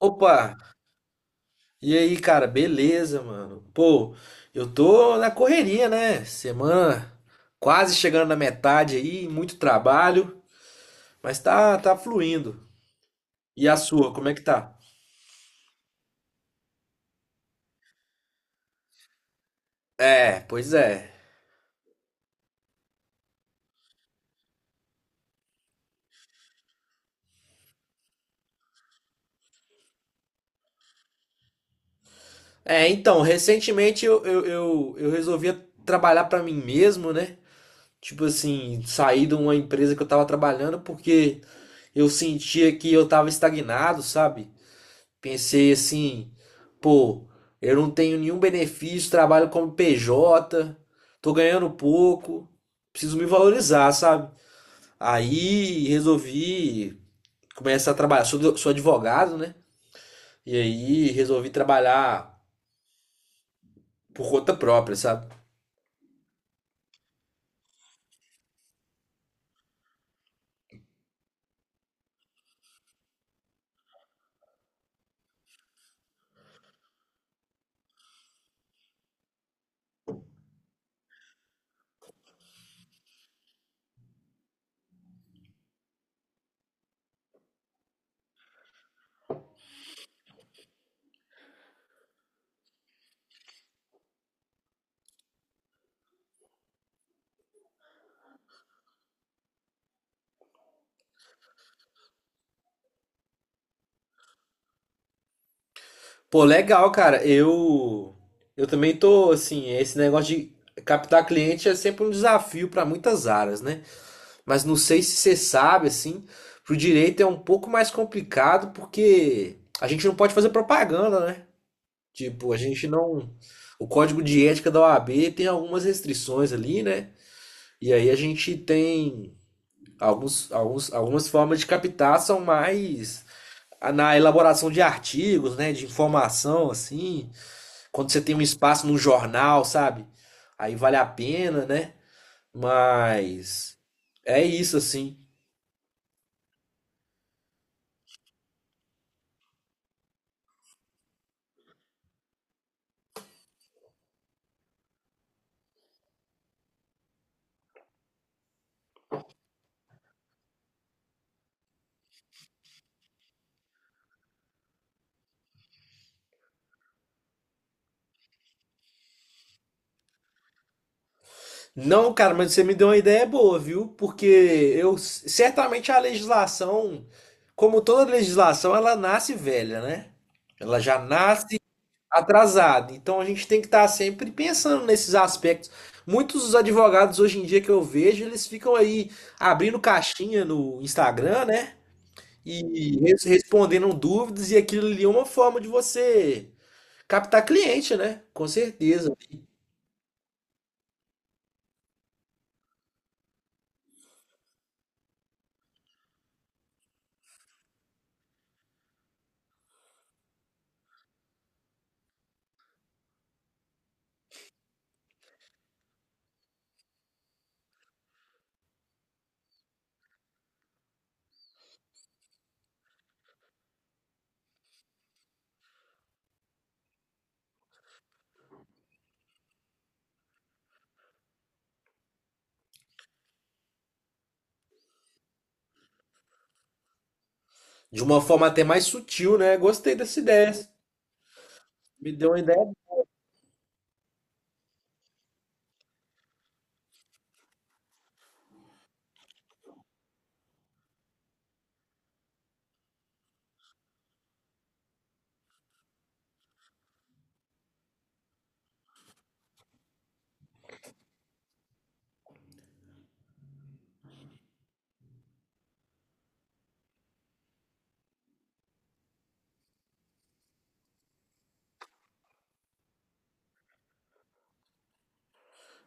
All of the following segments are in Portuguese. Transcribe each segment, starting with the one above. Opa! E aí, cara, beleza, mano? Pô, eu tô na correria, né? Semana quase chegando na metade aí, muito trabalho, mas tá fluindo. E a sua, como é que tá? É, pois é. É, então, recentemente eu resolvi trabalhar pra mim mesmo, né? Tipo assim, sair de uma empresa que eu tava trabalhando porque eu sentia que eu tava estagnado, sabe? Pensei assim, pô, eu não tenho nenhum benefício, trabalho como PJ, tô ganhando pouco, preciso me valorizar, sabe? Aí resolvi começar a trabalhar. Sou, sou advogado, né? E aí resolvi trabalhar por conta própria, sabe? Pô, legal, cara. Eu também tô assim, esse negócio de captar cliente é sempre um desafio para muitas áreas, né? Mas não sei se você sabe, assim, pro direito é um pouco mais complicado porque a gente não pode fazer propaganda, né? Tipo, a gente não. O código de ética da OAB tem algumas restrições ali, né? E aí a gente tem algumas formas de captar são mais na elaboração de artigos, né? De informação, assim. Quando você tem um espaço num jornal, sabe? Aí vale a pena, né? Mas é isso, assim. Não, cara, mas você me deu uma ideia boa, viu? Porque eu certamente a legislação, como toda legislação, ela nasce velha, né? Ela já nasce atrasada. Então a gente tem que estar sempre pensando nesses aspectos. Muitos dos advogados hoje em dia que eu vejo, eles ficam aí abrindo caixinha no Instagram, né? E respondendo dúvidas, e aquilo ali é uma forma de você captar cliente, né? Com certeza. De uma forma até mais sutil, né? Gostei dessa ideia. Me deu uma ideia.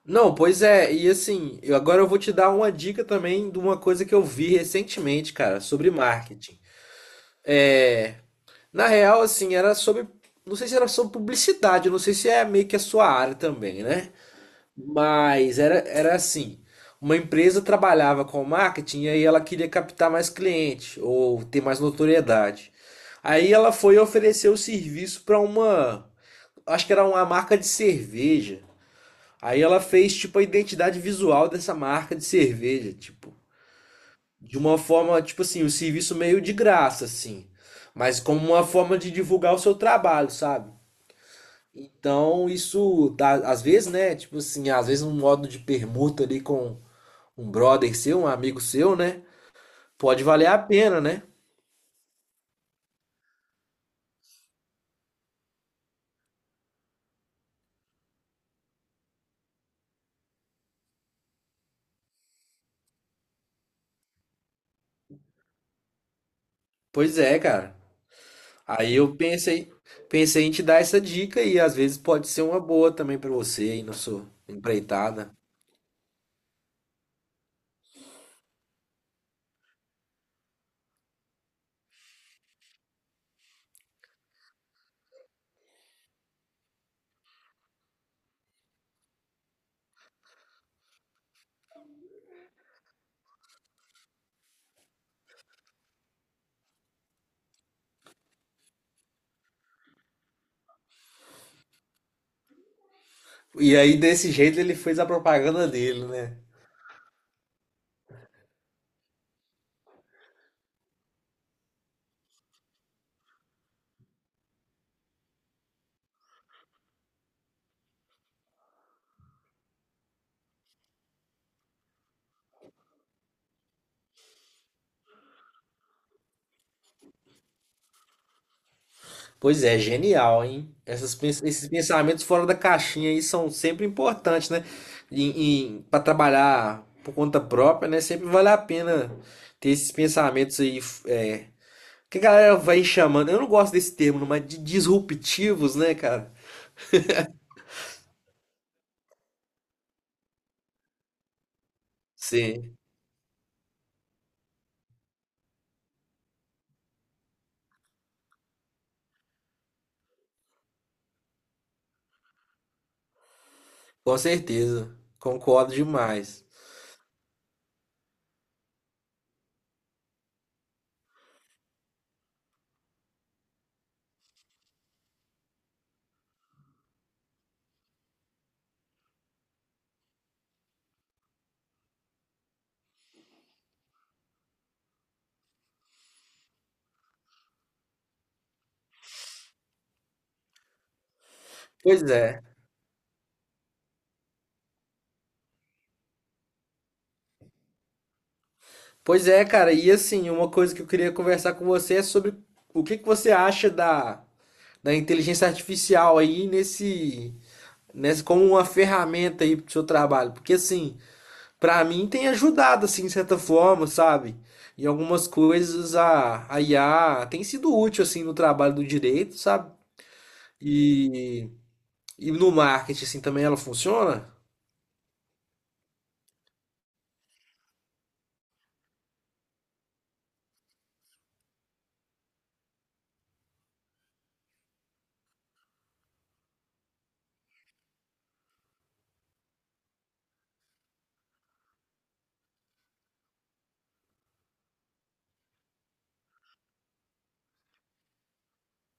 Não, pois é, e assim, eu agora eu vou te dar uma dica também de uma coisa que eu vi recentemente, cara, sobre marketing. É, na real, assim, era não sei se era sobre publicidade, não sei se é meio que a sua área também, né? Mas era assim, uma empresa trabalhava com marketing e aí ela queria captar mais cliente ou ter mais notoriedade. Aí ela foi oferecer o serviço para uma, acho que era uma marca de cerveja. Aí ela fez, tipo, a identidade visual dessa marca de cerveja, tipo, de uma forma, tipo assim, um serviço meio de graça, assim, mas como uma forma de divulgar o seu trabalho, sabe? Então, isso, dá, às vezes, né, tipo assim, às vezes um modo de permuta ali com um brother seu, um amigo seu, né, pode valer a pena, né? Pois é, cara. Aí eu pensei, pensei em te dar essa dica e às vezes pode ser uma boa também pra você aí na sua empreitada. E aí, desse jeito, ele fez a propaganda dele, né? Pois é, genial, hein? Essas, esses pensamentos fora da caixinha aí são sempre importantes, né? Em, para trabalhar por conta própria, né? Sempre vale a pena ter esses pensamentos aí, que a galera vai chamando, eu não gosto desse termo, não, mas de disruptivos, né, cara? Sim, com certeza. Concordo demais. Pois é. Pois é, cara, e assim, uma coisa que eu queria conversar com você é sobre o que que você acha da, da inteligência artificial aí nesse, nesse como uma ferramenta aí pro seu trabalho, porque assim, pra mim tem ajudado assim de certa forma, sabe? Em algumas coisas a IA tem sido útil assim no trabalho do direito, sabe? E, e no marketing assim também ela funciona?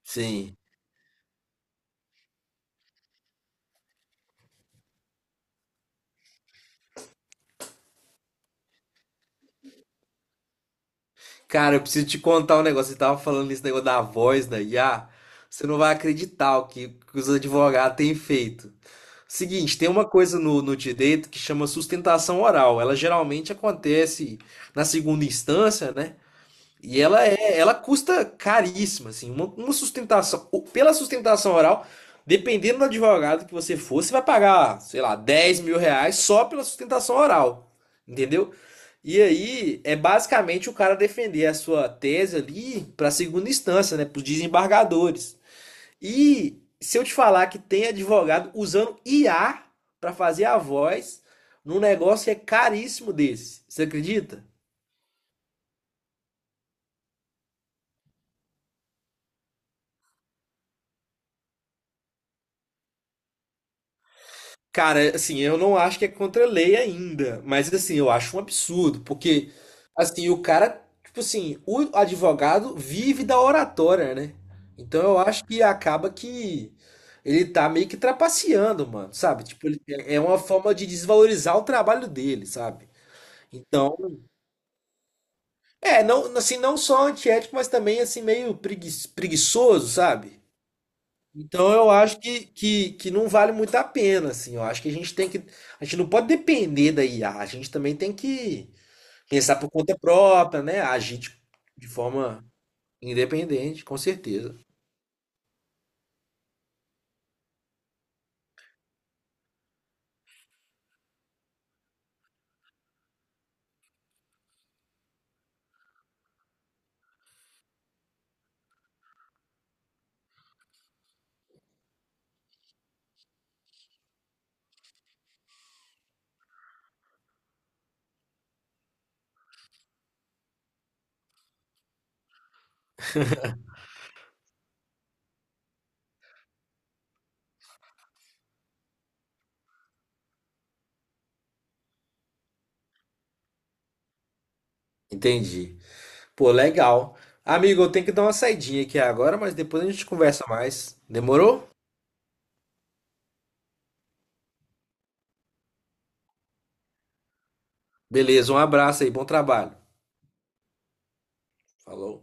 Sim. Cara, eu preciso te contar um negócio. Você tava falando esse negócio da voz da IA. Você não vai acreditar que os advogados têm feito. Seguinte, tem uma coisa no, no direito que chama sustentação oral. Ela geralmente acontece na segunda instância, né? E ela é, ela custa caríssima, assim, uma sustentação, pela sustentação oral, dependendo do advogado que você for, você vai pagar, sei lá, R$ 10.000 só pela sustentação oral, entendeu? E aí é basicamente o cara defender a sua tese ali para segunda instância, né, para os desembargadores. E se eu te falar que tem advogado usando IA para fazer a voz num negócio que é caríssimo desse, você acredita? Cara, assim, eu não acho que é contra a lei ainda, mas assim, eu acho um absurdo, porque assim, o cara, tipo assim, o advogado vive da oratória, né? Então eu acho que acaba que ele tá meio que trapaceando, mano, sabe? Tipo, é uma forma de desvalorizar o trabalho dele, sabe? Então, é, não, assim, não só antiético, mas também assim meio preguiçoso, sabe? Então eu acho que não vale muito a pena, assim. Eu acho que a gente tem que. A gente não pode depender da IA. A gente também tem que pensar por conta própria, né? Agir de forma independente, com certeza. Entendi. Pô, legal. Amigo, eu tenho que dar uma saidinha aqui agora, mas depois a gente conversa mais. Demorou? Beleza, um abraço aí, bom trabalho. Falou.